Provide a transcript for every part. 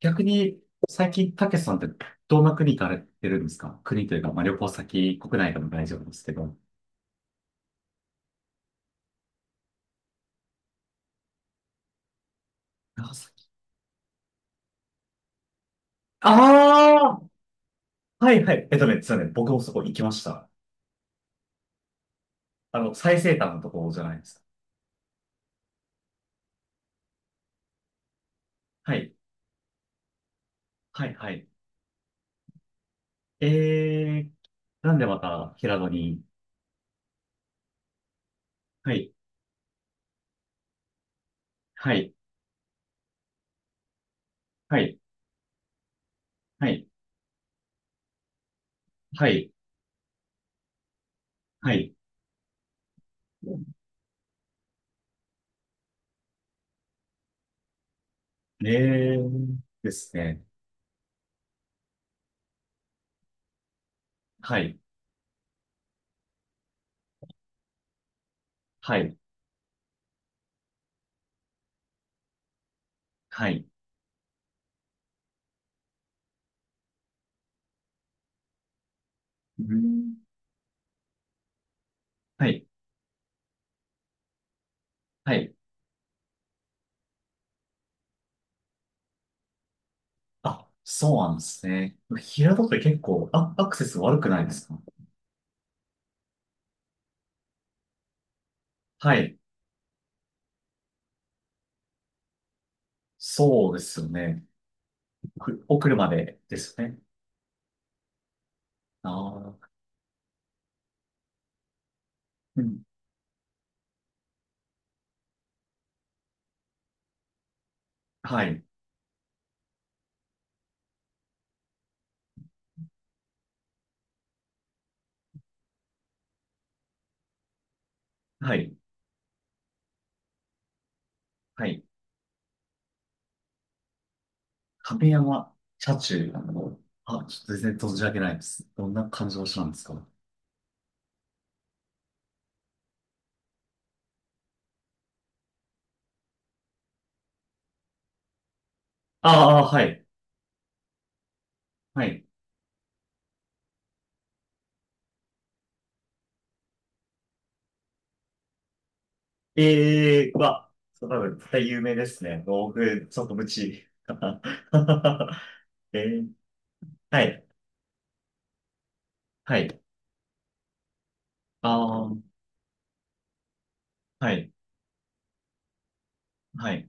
逆に、最近、たけしさんってどんな国行かれてるんですか？国というか、まあ、旅行先、国内でも大丈夫ですけど。長崎。ああ、はいはい。実はね、僕もそこ行きました。最西端のところじゃないですか？はい。はいはい。えー、なんでまた平戸に？はい。はい。はい。はい。はい。はい。えー、ですね。はい。はい。はい。うん。はい。はい。あ、そうなんですね。平戸って結構、あ、アクセス悪くないですか？はい。そうですよね。お車でですよね。ああ、うん。はい。はい。はい。亀山車中、あ、ちょっと全然存じ上げないです。どんな感じの車なんですか？ああ、はい。はい。ええー、そう、多分絶対有名ですね。道具、ちょっと無知。えー、はい。はい。ああ、はい。はい。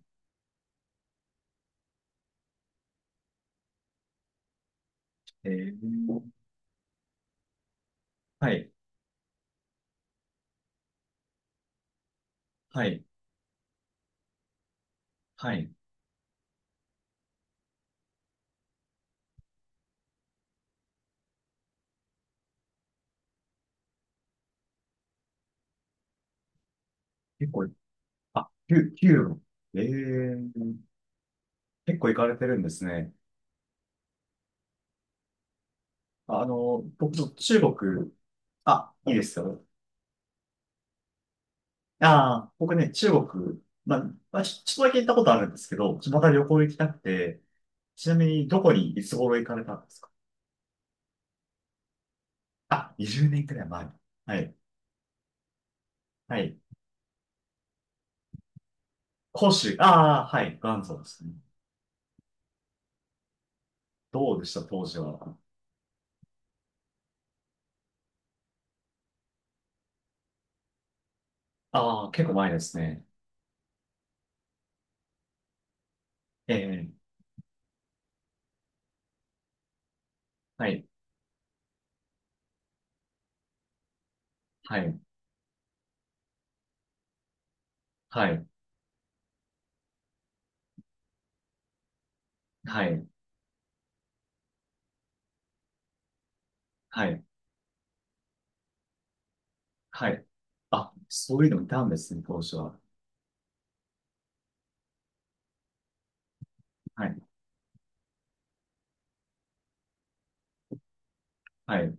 えーはい、はい、はい。結構、あ、九九ええー、結構行かれてるんですね。僕ちょっと中国、あ、いいですよ。ああ、僕ね、中国、まあ、まあ、ちょっとだけ行ったことあるんですけど、また旅行行きたくて。ちなみにどこにいつ頃行かれたんですか？あ、20年くらい前。はい、はい。広州、ああ、はい、元祖ですね。どうでした、当時は？ああ、結構前ですね。ええ、はい、はい、はい、はい、はい。はい。あ、そういうのいたんですね、当初は。はい、はい、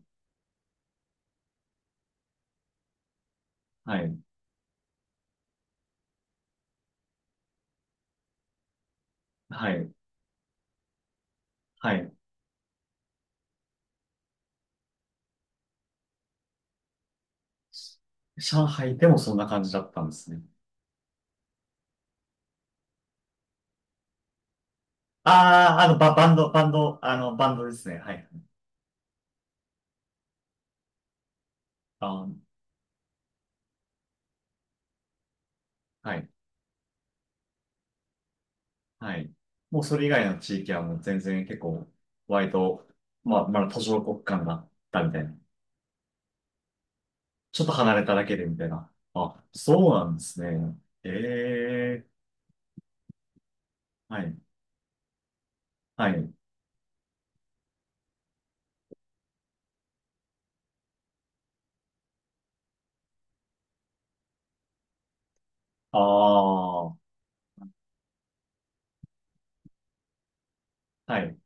はい、はい、はい。上海でもそんな感じだったんですね。ああ、バンドですね。はい。あー、はい、はい。もうそれ以外の地域はもう全然結構、割と、まあ、まだ途上国間だったみたいな。ちょっと離れただけでみたいな。あ、そうなんですね。ええ、はい、はい。ああ、はい、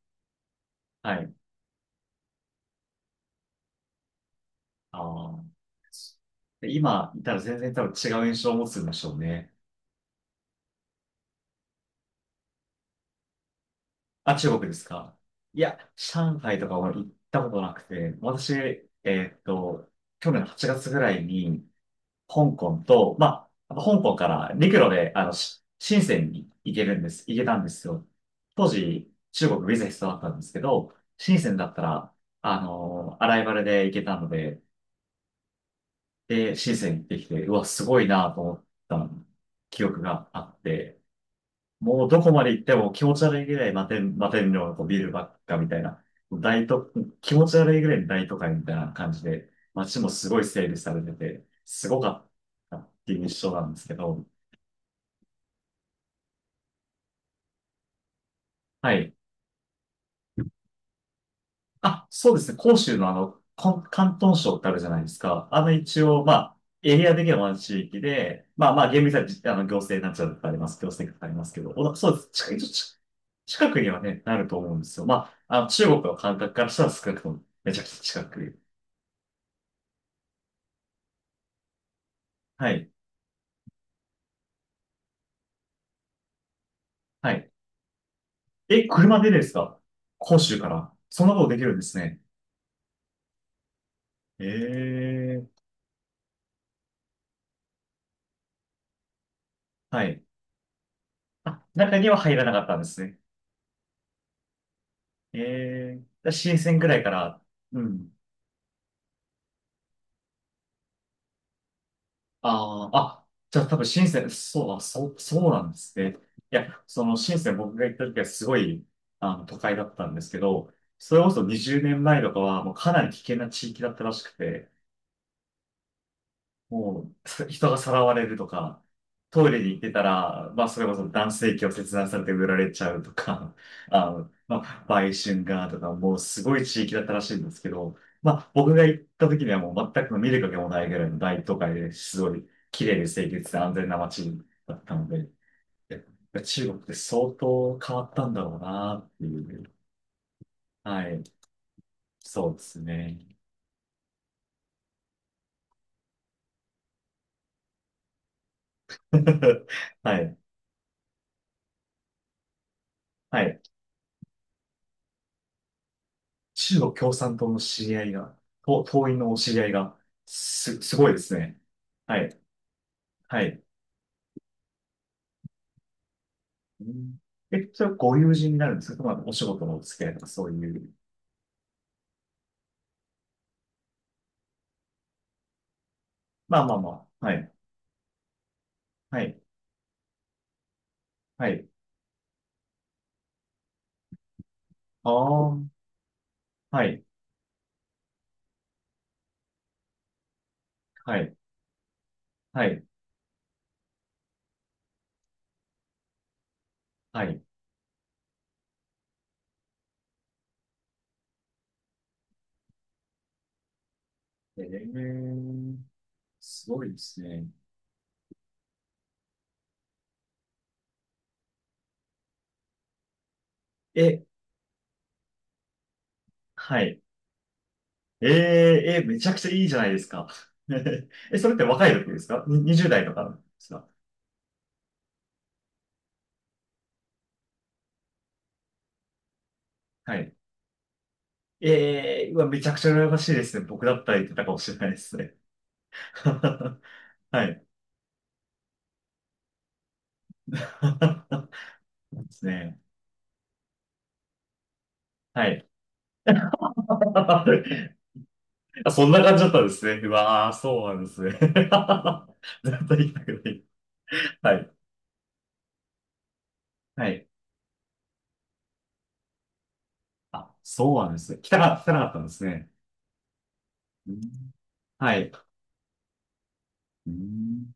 はい。ああ。で今いたら全然多分違う印象を持つんでしょうね。あ、中国ですか？いや、上海とかは行ったことなくて、私、去年の8月ぐらいに、香港と、まあ、香港から陸路で、深センに行けたんですよ。当時、中国ビザ必要だったんですけど、深センだったら、アライバルで行けたので、で、シーズン行ってきて、うわ、すごいなと思った記憶があって、もうどこまで行っても気持ち悪いぐらい摩天楼のビルばっかみたいな、大都、気持ち悪いぐらいの大都会みたいな感じで、街もすごい整備されてて、すごかったっていう印象なんですけど、はい。あ、そうですね。広州の広東省ってあるじゃないですか。一応、まあ、エリア的には同じ地域で、まあまあ、厳密にはじあの行政なんちゃらとかあります。行政とかありますけど、そうです。近い、一応ち近くにはね、なると思うんですよ。まあ、中国の感覚からしたら少なくとも、めちゃくちゃ近く。はい。はい。え、車でですか？広州から。そんなことできるんですね。ええ、はい。あ、中には入らなかったんですね。ええ新だから深センぐらいから、うん。ああ、あ、じゃあ多分深セン、そう、あ、そう、そうなんですね。いや、その深セン僕が行った時はすごい、都会だったんですけど、それこそ20年前とかはもうかなり危険な地域だったらしくて、もう、人がさらわれるとか、トイレに行ってたら、まあ、それこそ男性器を切断されて売られちゃうとか、まあ、売春がとか、もうすごい地域だったらしいんですけど、まあ、僕が行った時にはもう全く見る影もないぐらいの大都会ですごい綺麗で清潔で安全な街だったので、やっぱ中国って相当変わったんだろうなっていう。はい。そうですね。はい。はい。中国共産党の知り合いが、党員のお知り合いが、すごいですね。はい、はい。うん、え、それはご友人になるんですか？まあ、お仕事のお付き合いとかそういう。まあまあまあ、はい、はい、はい。ああ、はい、はい、はい、はい。えー、すごいですね。え、はい。えー、めちゃくちゃいいじゃないですか。え、それって若い時ですかに ?20代とかですか？はい。ええー、うわ、めちゃくちゃ羨ましいですね。僕だったら言ってたかもしれないですね。はい。ですね。はい。あ、そんな感じだったんですね。うわー、そうなんですね。絶対行きたくない。はい。はい。あ、そうなんですね。来たかったんですね。うん、はい。うん